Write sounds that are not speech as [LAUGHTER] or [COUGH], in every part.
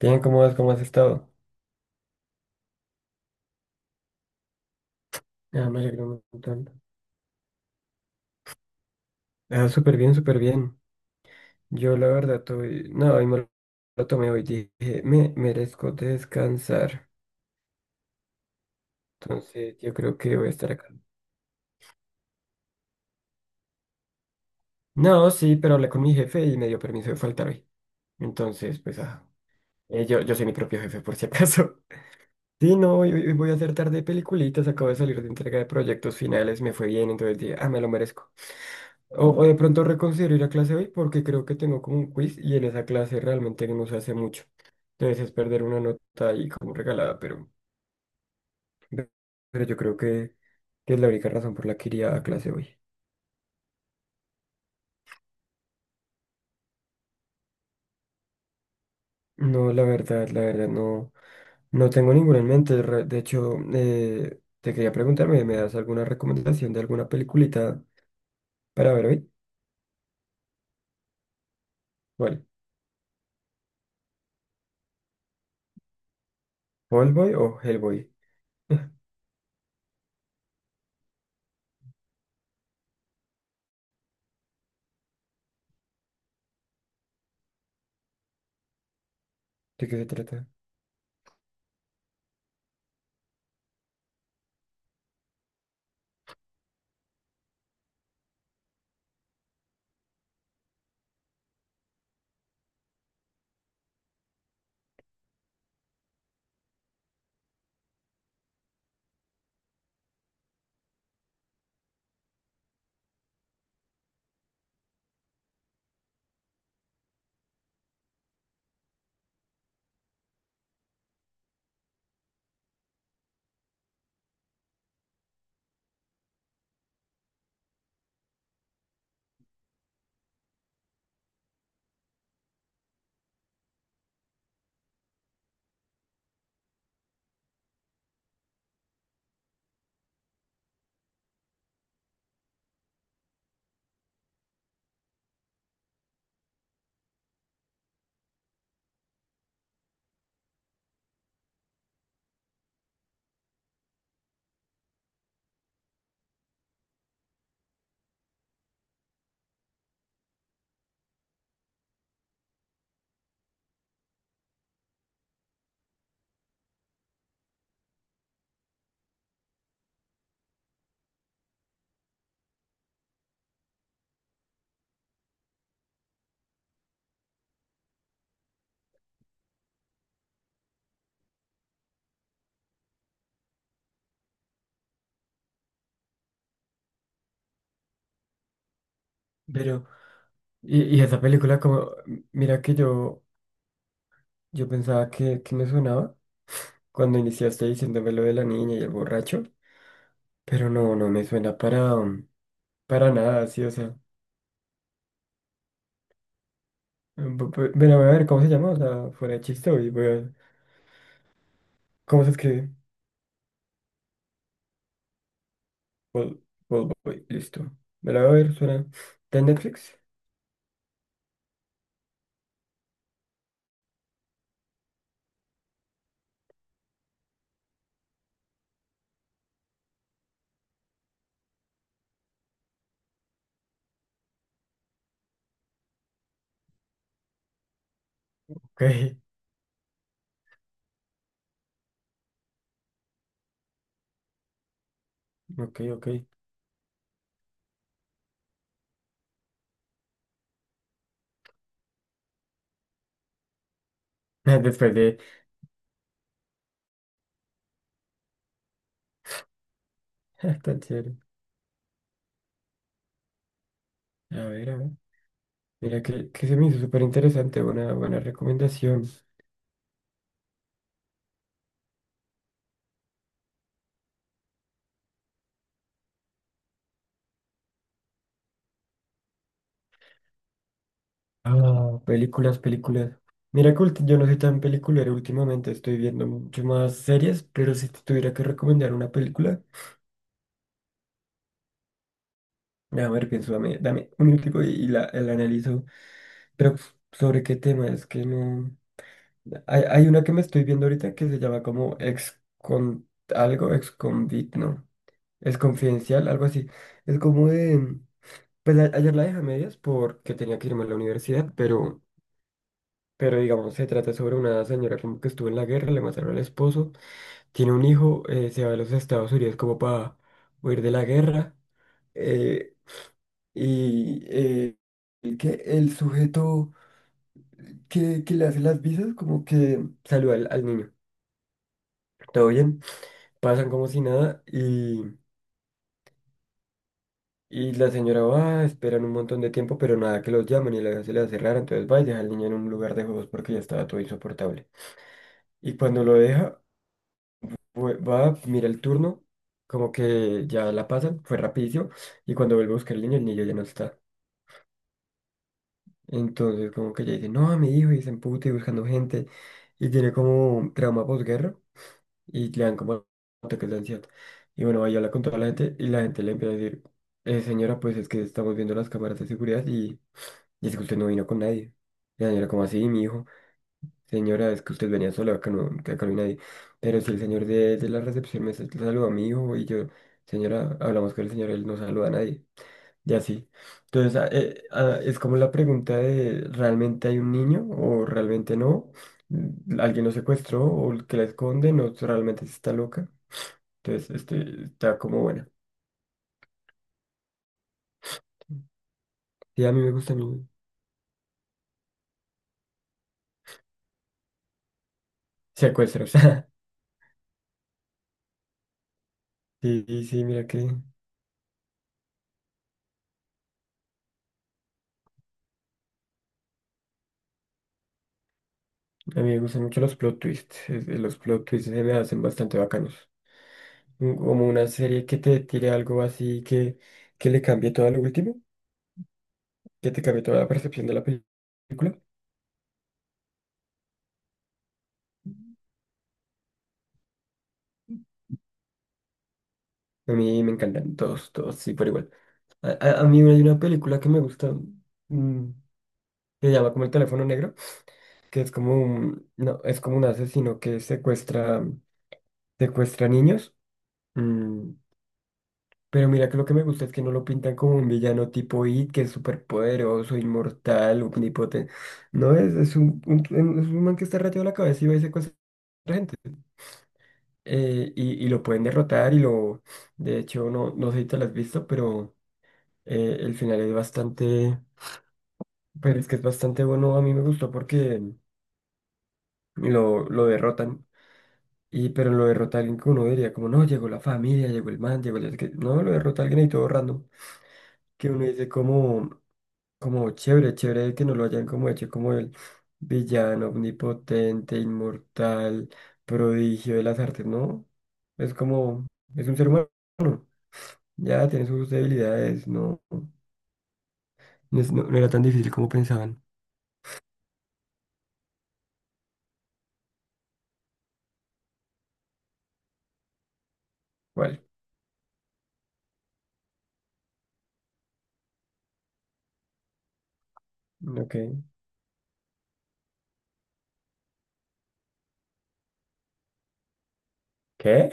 Bien, ¿cómo vas? ¿Cómo has estado? Ah, me alegro un montón. Ah, súper bien, súper bien. Yo la verdad estoy... No, hoy me lo tomé hoy. Dije, me merezco descansar. Entonces, yo creo que voy a estar acá. No, sí, pero hablé con mi jefe y me dio permiso de faltar hoy. Entonces, pues, yo soy mi propio jefe, por si acaso. [LAUGHS] Sí, no, hoy voy a hacer tarde de peliculitas. Acabo de salir de entrega de proyectos finales. Me fue bien, entonces dije, ah, me lo merezco. O de pronto reconsidero ir a clase hoy porque creo que tengo como un quiz y en esa clase realmente no se hace mucho. Entonces es perder una nota ahí como regalada, pero yo creo que es la única razón por la que iría a clase hoy. No, la verdad, no, no tengo ninguna en mente. De hecho, te quería preguntarme, ¿me das alguna recomendación de alguna peliculita para ver hoy? ¿Cuál? ¿Hellboy o Hellboy? [LAUGHS] ¿De qué se trata? Pero, y esa película como, mira que yo... Yo pensaba que me sonaba cuando iniciaste diciéndome lo de la niña y el borracho, pero no, no me suena para, para nada, sí, o sea. Bueno, voy a ver cómo se llama, o sea, fuera de chiste, y voy a ver cómo se escribe. Vol- Volvoy, listo. Me la voy a ver, suena. ¿Está en Netflix? Ok, ok, ok. [LAUGHS] Después de. [LAUGHS] Tan chévere. A ver, a ver. Mira que se me hizo súper interesante, buena, buena recomendación. Ah, películas, películas. Mira que yo no soy tan peliculero últimamente, estoy viendo mucho más series, pero si te tuviera que recomendar una película, a ver, pienso, dame, dame un minutico y la analizo. Pero pues, sobre qué tema, es que no... Hay una que me estoy viendo ahorita que se llama como ex con algo, ex convict, ¿no? Es confidencial, algo así. Es como de... Pues ayer la dejé a medias porque tenía que irme a la universidad, pero... Pero digamos, se trata sobre una señora como que estuvo en la guerra, le mataron al esposo, tiene un hijo, se va a los Estados Unidos como para huir de la guerra. eh, y eh, el que el sujeto que le hace las visas como que saluda al, al niño. Todo bien, pasan como si nada, y la señora va, esperan un montón de tiempo, pero nada que los llaman y la se le hace rara, entonces va y deja al niño en un lugar de juegos porque ya estaba todo insoportable. Y cuando lo deja... Va, mira el turno, como que ya la pasan, fue rapidísimo, y cuando vuelvo a buscar el niño ya no está. Entonces como que ya dice, no, mi hijo, y se emputa y buscando gente, y tiene como un trauma posguerra, y le dan como ataques de ansiedad. Y bueno, ahí habla con toda la gente, y la gente le empieza a decir: señora, pues es que estamos viendo las cámaras de seguridad, y es que usted no vino con nadie". Y la señora como así, mi hijo. Señora, es que usted venía sola, acá no, que acá no hay nadie. Pero si el señor de la recepción me saluda a mi hijo y yo, señora, hablamos con el señor, él no saluda a nadie. Y así. Entonces, es como la pregunta de, ¿realmente hay un niño o realmente no? ¿Alguien lo secuestró o el que la esconde? ¿No realmente sí está loca? Entonces, este, está como buena. Sí, a mí me gustan los secuestros. [LAUGHS] Sí, sí, sí, mira que a mí me gustan mucho los plot twists. Los plot twists se me hacen bastante bacanos. Como una serie que te tire algo así que le cambie todo a lo último, que te cambie toda la percepción de la película. A mí me encantan todos, todos, sí, por igual. A mí hay una película que me gusta, mm, que se llama como El teléfono negro, que es como un, no, es como un asesino que secuestra, secuestra niños. mm, Pero mira que lo que me gusta es que no lo pintan como un villano tipo It, que es súper poderoso, inmortal, omnipotente. No, es un, es un man que está rayado la cabeza y va y secuestra gente. Y lo pueden derrotar y lo... De hecho, no, no sé si te lo has visto, pero el final es bastante... Pero es que es bastante bueno. A mí me gustó porque lo derrotan. Y, pero lo derrota alguien que uno diría como, no, llegó la familia, llegó el man, llegó el... no sé qué. No, lo derrota alguien ahí todo random. Que uno dice como... Como chévere, chévere que no lo hayan como hecho como el villano omnipotente, inmortal, prodigio de las artes, ¿no? Es como, es un ser humano, ya tiene sus debilidades, no era tan difícil como pensaban. ¿Cuál? Ok. ¿Qué?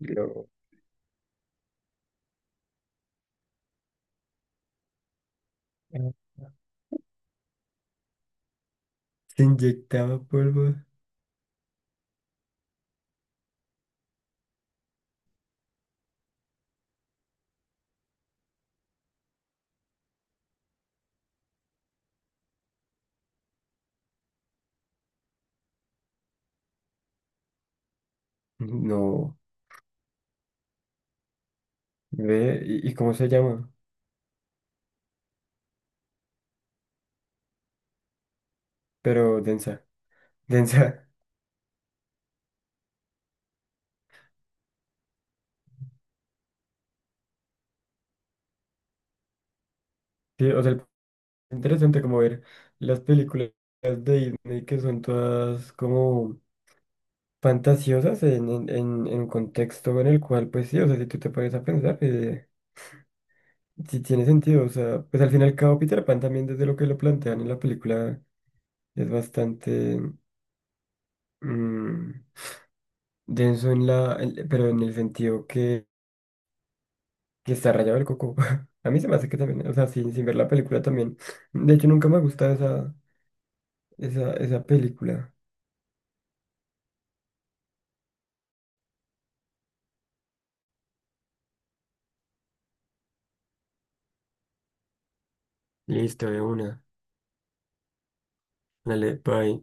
Lo- Se inyectaba polvo. No, ve, y cómo se llama? Pero densa, densa. Sí, o sea, interesante como ver las películas de Disney que son todas como fantasiosas en un contexto en el cual, pues sí, o sea, si tú te pones a pensar, sí tiene sentido, o sea, pues al fin y al cabo Peter Pan también desde lo que lo plantean en la película es bastante mm, denso en la, pero en el sentido que está rayado el coco. [LAUGHS] A mí se me hace que también, o sea, sin ver la película también. De hecho, nunca me ha gustado esa película. Listo, de una. Dale, bye.